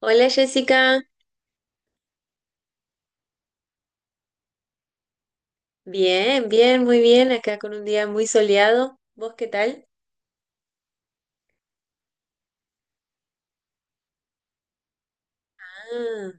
Hola Jessica, bien, bien, muy bien, acá con un día muy soleado. ¿Vos qué tal? Ah,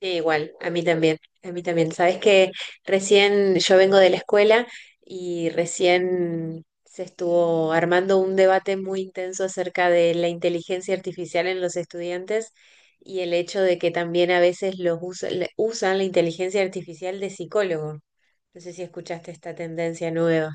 sí, igual, a mí también, a mí también. Sabes que recién yo vengo de la escuela y recién se estuvo armando un debate muy intenso acerca de la inteligencia artificial en los estudiantes y el hecho de que también a veces usan la inteligencia artificial de psicólogo. No sé si escuchaste esta tendencia nueva.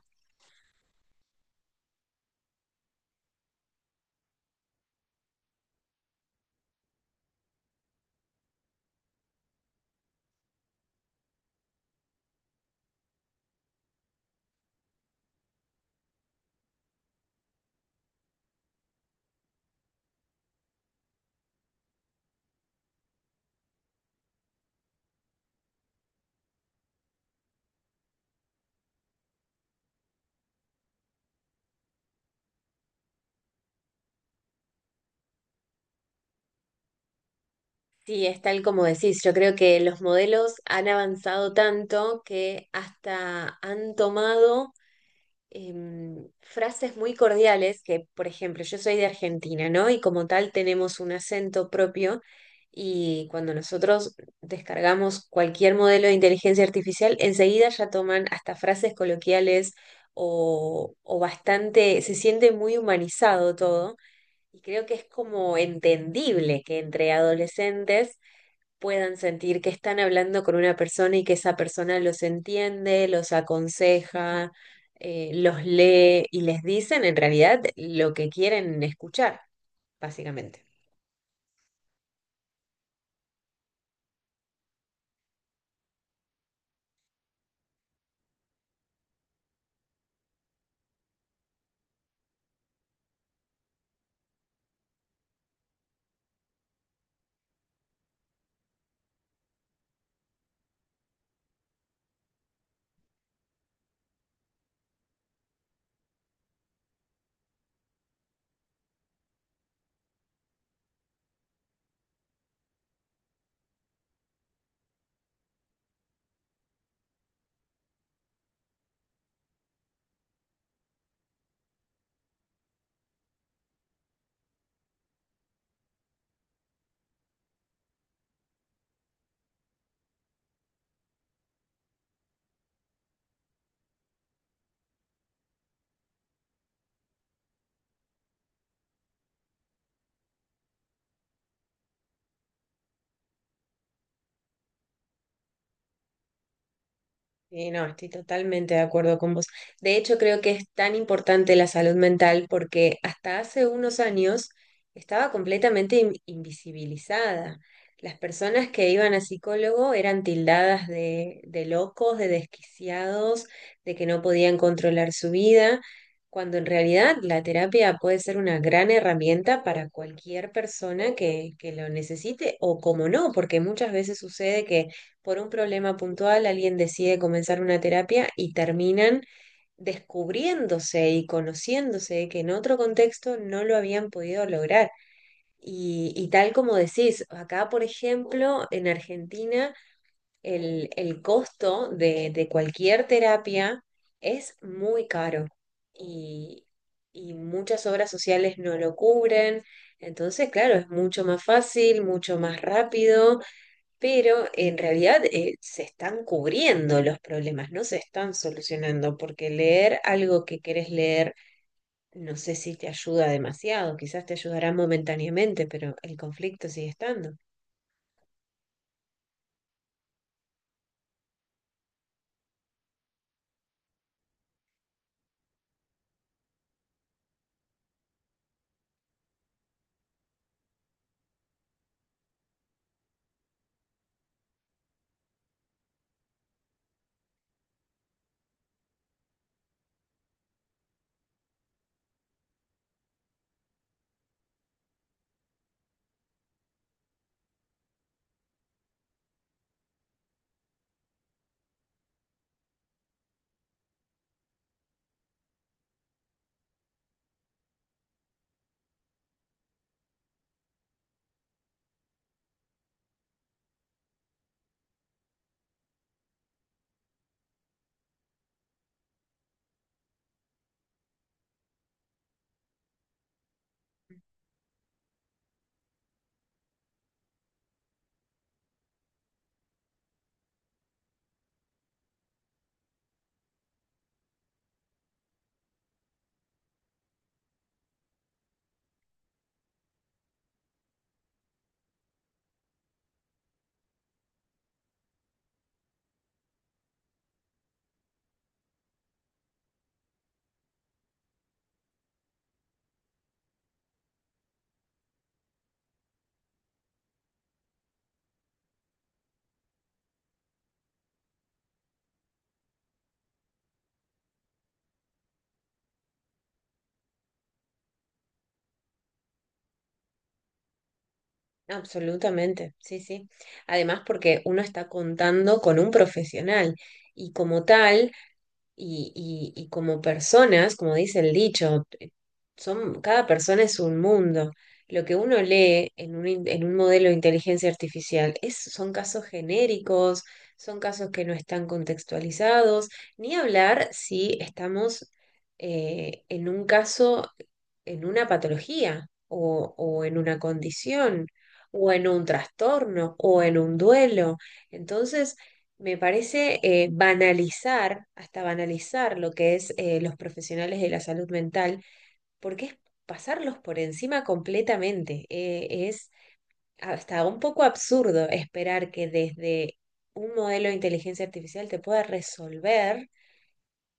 Sí, es tal como decís. Yo creo que los modelos han avanzado tanto que hasta han tomado frases muy cordiales que, por ejemplo, yo soy de Argentina, ¿no? Y como tal tenemos un acento propio y cuando nosotros descargamos cualquier modelo de inteligencia artificial, enseguida ya toman hasta frases coloquiales o bastante, se siente muy humanizado todo. Y creo que es como entendible que entre adolescentes puedan sentir que están hablando con una persona y que esa persona los entiende, los aconseja, los lee y les dicen en realidad lo que quieren escuchar, básicamente. Sí, no, estoy totalmente de acuerdo con vos. De hecho, creo que es tan importante la salud mental porque hasta hace unos años estaba completamente invisibilizada. Las personas que iban a psicólogo eran tildadas de locos, de desquiciados, de que no podían controlar su vida, cuando en realidad la terapia puede ser una gran herramienta para cualquier persona que lo necesite o como no, porque muchas veces sucede que por un problema puntual alguien decide comenzar una terapia y terminan descubriéndose y conociéndose que en otro contexto no lo habían podido lograr. Y tal como decís, acá, por ejemplo, en Argentina, el costo de cualquier terapia es muy caro y, y muchas obras sociales no lo cubren. Entonces, claro, es mucho más fácil, mucho más rápido, pero en realidad se están cubriendo los problemas, no se están solucionando, porque leer algo que querés leer, no sé si te ayuda demasiado, quizás te ayudará momentáneamente, pero el conflicto sigue estando. Absolutamente, sí, sí. Además, porque uno está contando con un profesional y como tal, y como personas, como dice el dicho, son, cada persona es un mundo. Lo que uno lee en en un modelo de inteligencia artificial es, son casos genéricos, son casos que no están contextualizados, ni hablar si estamos en un caso, en una patología o en una condición o en un trastorno o en un duelo. Entonces, me parece banalizar, hasta banalizar lo que es los profesionales de la salud mental porque es pasarlos por encima completamente. Es hasta un poco absurdo esperar que desde un modelo de inteligencia artificial te pueda resolver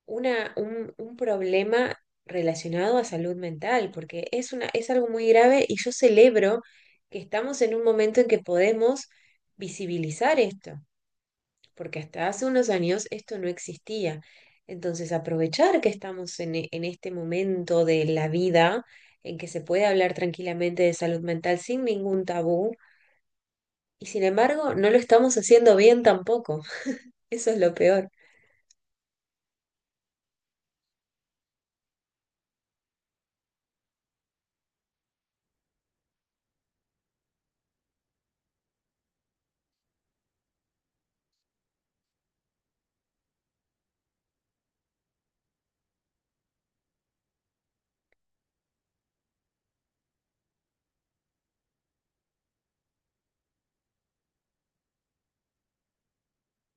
un problema relacionado a salud mental, porque es una, es algo muy grave y yo celebro que estamos en un momento en que podemos visibilizar esto porque hasta hace unos años esto no existía. Entonces, aprovechar que estamos en este momento de la vida en que se puede hablar tranquilamente de salud mental sin ningún tabú, y sin embargo, no lo estamos haciendo bien tampoco. Eso es lo peor.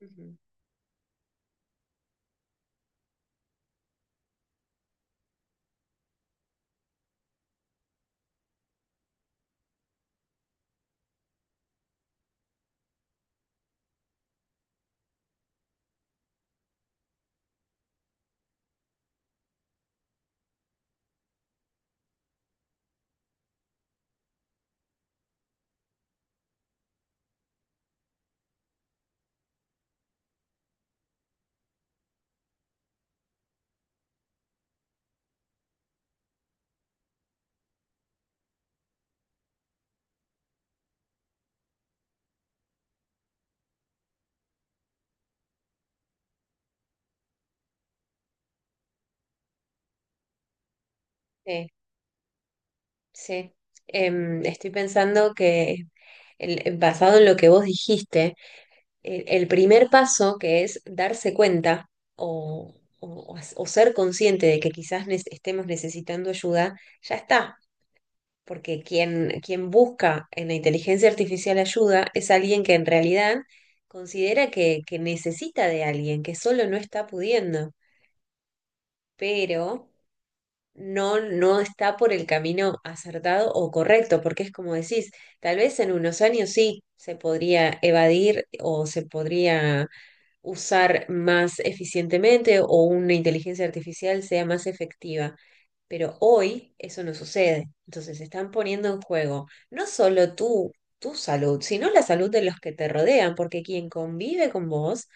Ujú. Sí, sí. Estoy pensando que basado en lo que vos dijiste, el primer paso, que es darse cuenta o, o ser consciente de que quizás estemos necesitando ayuda, ya está. Porque quien busca en la inteligencia artificial ayuda es alguien que en realidad considera que necesita de alguien, que solo no está pudiendo, pero no, no está por el camino acertado o correcto, porque es como decís, tal vez en unos años sí se podría evadir o se podría usar más eficientemente o una inteligencia artificial sea más efectiva. Pero hoy eso no sucede. Entonces están poniendo en juego no solo tú, tu salud, sino la salud de los que te rodean, porque quien convive con vos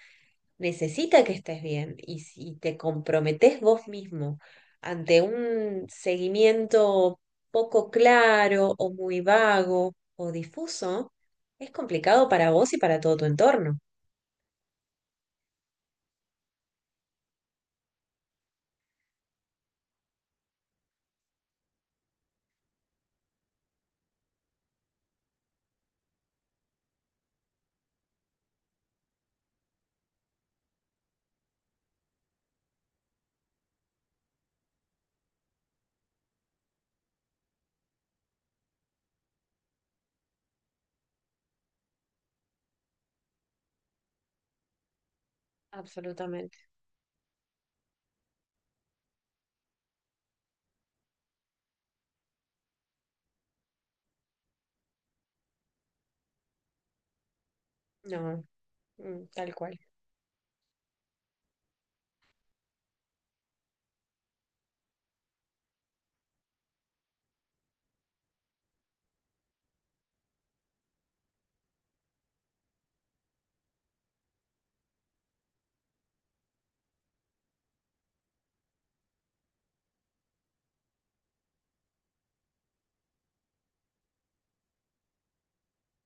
necesita que estés bien. Y si te comprometés vos mismo ante un seguimiento poco claro o muy vago o difuso, es complicado para vos y para todo tu entorno. Absolutamente. No, mm, tal cual.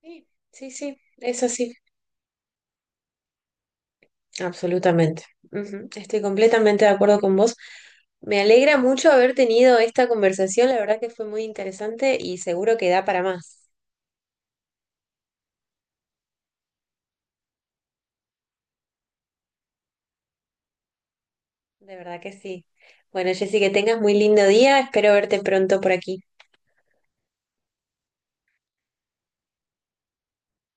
Sí, sí, sí, es así, absolutamente. Ujú, estoy completamente de acuerdo con vos. Me alegra mucho haber tenido esta conversación, la verdad que fue muy interesante y seguro que da para más, de verdad que sí. Bueno, Jessy, que tengas muy lindo día, espero verte pronto por aquí.